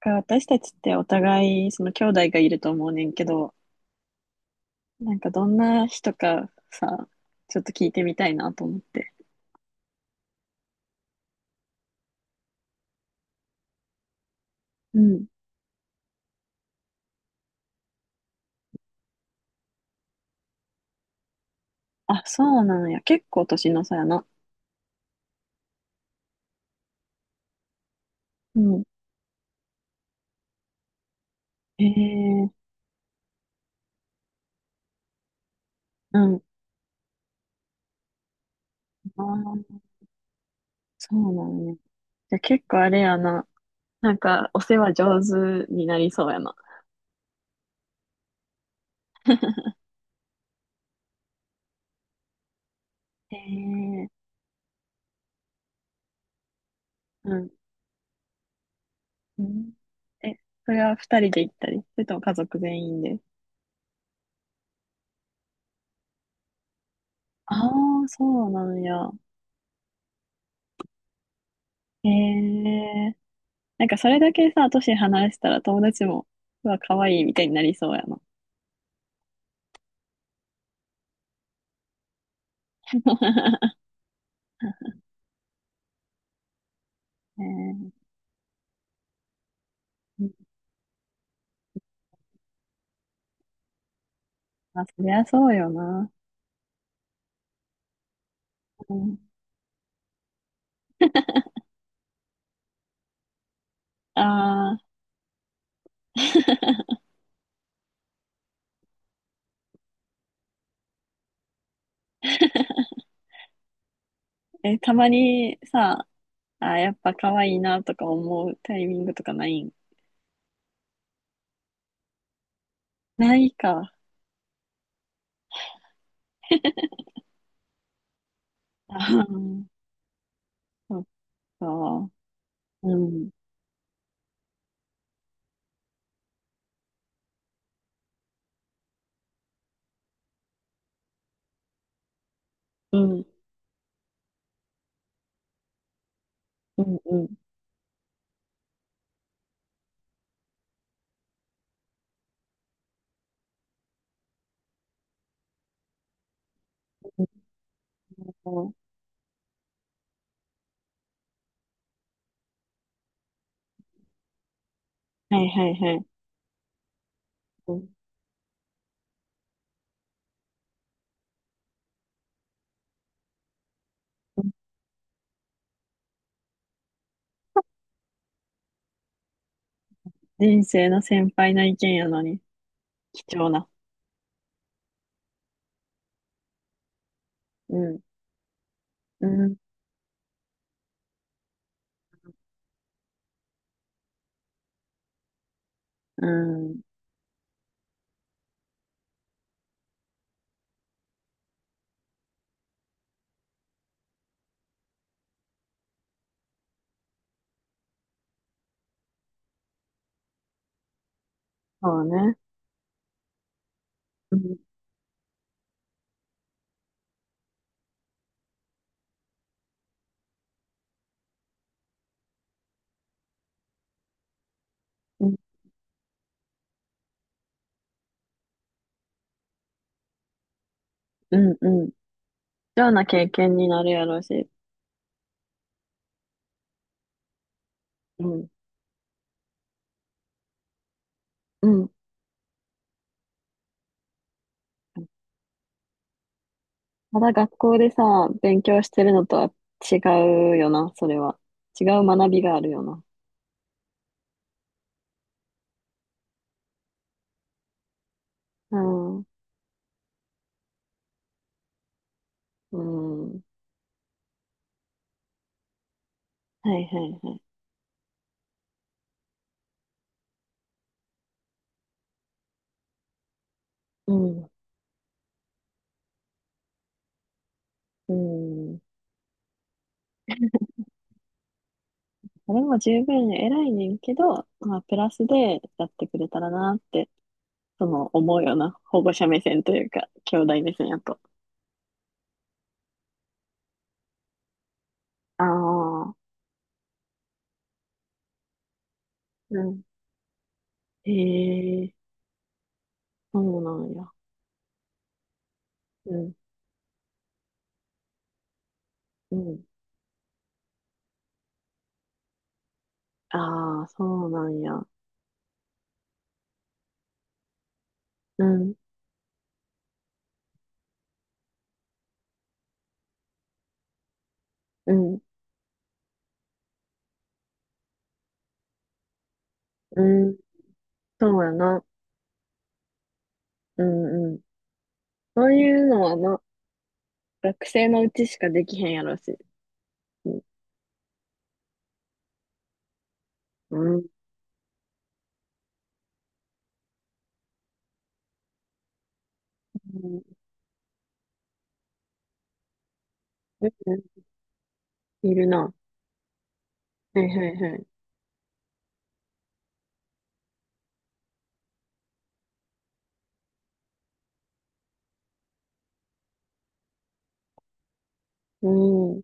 か私たちってお互い、その兄弟がいると思うねんけど、なんかどんな人かさ、ちょっと聞いてみたいなと思って。うん。あ、そうなんや。結構年の差やな。うん。へえ、うん。あー、そうなんや。じゃあ結構あれやな。なんかお世話上手になりそうやな。へえ、うん。うん。え、それは二人で行ったり、それとも家族全員で。ああ、そうなんや。へえ。なんかそれだけさ、年離したら友達も、うわ、可愛いみたいになりそうやな。ねえ、うん。まあ、そりゃそうよな。うん、ああ、え、たまにさ、あ、やっぱ可愛いなとか思うタイミングとかないん？ないか。あー、そっか。うん、うん、うん、うん。そう、はいはいはい。うん、人生の先輩の意見やのに、貴重な。うん、うん、うん。そうね。うん。うん、うん、うん。貴重な経験になるやろうし。うん、うん。ただ学校でさ、勉強してるのとは違うよな、それは。違う学びがあるよな。うん、うん。はいはいはい。うん、うん。それも十分偉いねんけど、まあ、プラスでやってくれたらなって、思うよな。保護者目線というか、兄弟目線やと。ああ、うん。へえ、そうなんや。うん、うん。ああ、そうなんや。うん、うん、うん、そうやな。うん、うん。そういうのはな、学生のうちしかできへんやろし。うん、うん、うん。いるな。はいはいはい。うん。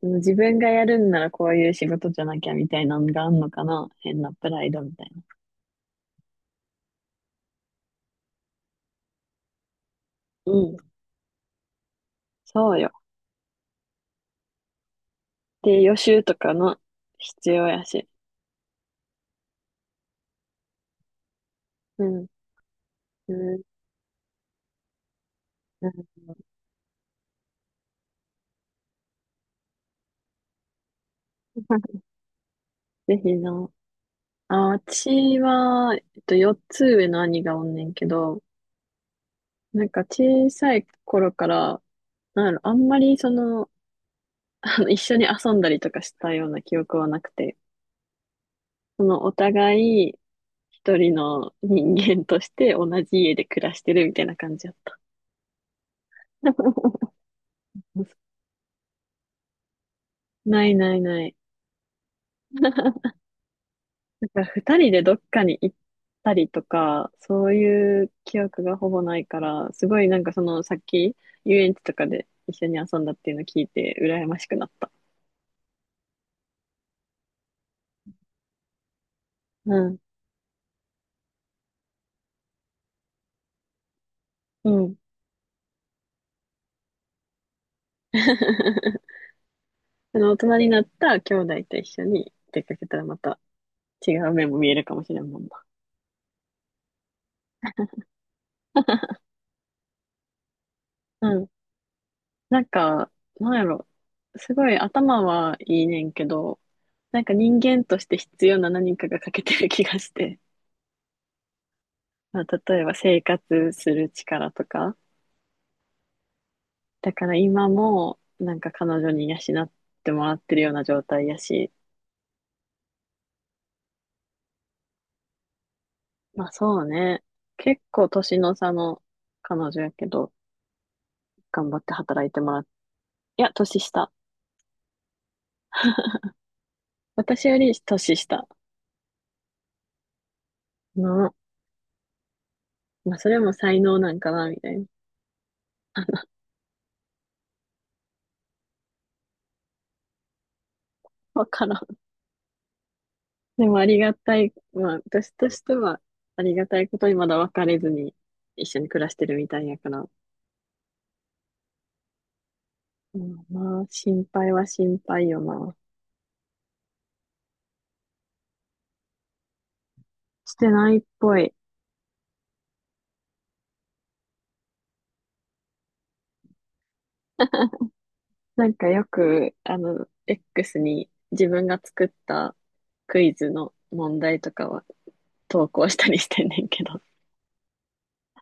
その自分がやるんならこういう仕事じゃなきゃみたいなのがあんのかな。変なプライドみたいな。うん、そうよ。で、予習とかの必要やし。うん、うん、うん。ぜひな。あ、私は、4つ上の兄がおんねんけど、なんか小さい頃から、なんやろあんまりその、あの、一緒に遊んだりとかしたような記憶はなくて、そのお互い一人の人間として同じ家で暮らしてるみたいな感じだった。ないないない。なんか二人でどっかに行ったりとか、そういう記憶がほぼないから、すごいなんかそのさっき遊園地とかで一緒に遊んだっていうの聞いて羨ましくなった。うん。うん。その大人になった兄弟と一緒に出かけたらまた違う面も見えるかもしれんもんな。うん。なんか、なんやろ。すごい頭はいいねんけど、なんか人間として必要な何かが欠けてる気がして。まあ、例えば生活する力とか。だから今もなんか彼女に養ってもらってるような状態やし。まあそうね。結構年の差の彼女やけど、頑張って働いてもらって。いや、年下。私より年下。の、まあ、それも才能なんかな、みたいな。わからん。でもありがたい、まあ、私としては、ありがたいことにまだ別れずに一緒に暮らしてるみたいやから。うん。まあ、心配は心配よな。してないっぽい。なんかよく、X に自分が作ったクイズの問題とかは投稿したりしてんねんけど、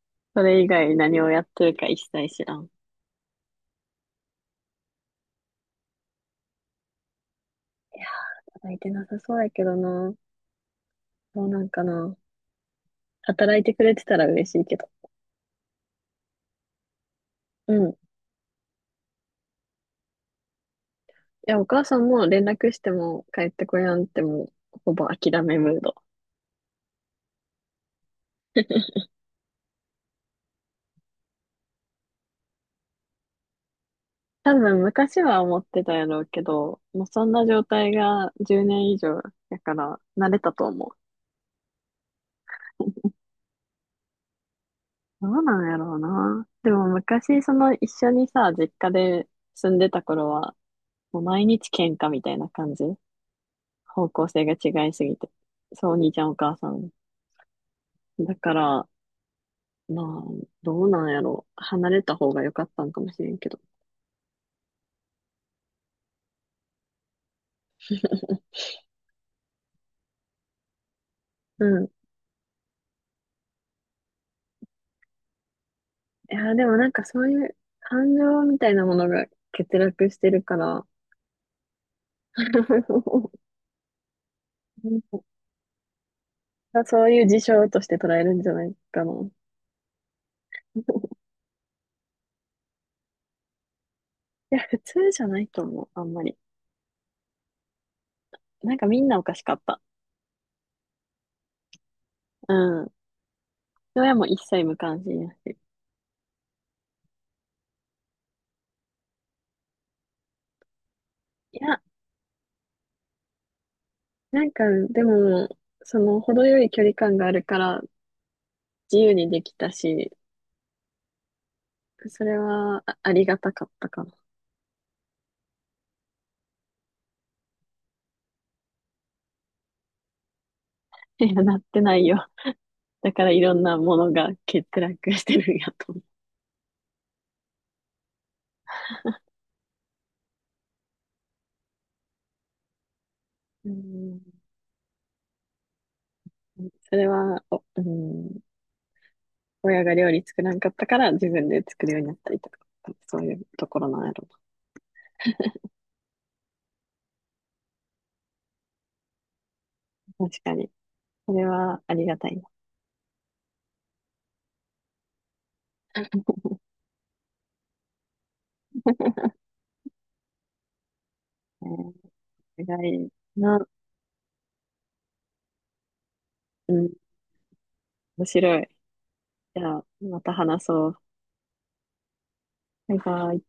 それ以外何をやってるか一切知らん。いや、働いてなさそうやけどな。どうなんかな。働いてくれてたら嬉しいけど。うん。いや、お母さんも連絡しても帰ってこやんってもう、ほぼ諦めムード。多分昔は思ってたやろうけど、もうそんな状態が10年以上やから慣れたと思う。どうなんやろうな。でも昔、その一緒にさ、実家で住んでた頃は、もう毎日喧嘩みたいな感じ。方向性が違いすぎて。そう、お兄ちゃんお母さん。だから、まあ、どうなんやろう。離れた方が良かったんかもしれんけど。うん。いや、でもなんかそういう感情みたいなものが欠落してるから、そういう事象として捉えるんじゃないかな。いや、普通じゃないと思う、あんまり。なんかみんなおかしかった。うん。親も一切無関心やし。いや、なんかでも、その程よい距離感があるから自由にできたし、それはあ、ありがたかったかな。いや、なってないよ。だからいろんなものが欠落してるんやと思う。うん。それは、お、うん、親が料理作らんかったから自分で作るようになったりとか、そういうところなんやろうな。確かに。それはありがたいですね。意外な、うん、面白い。じゃあ、また話そう。バイバイ。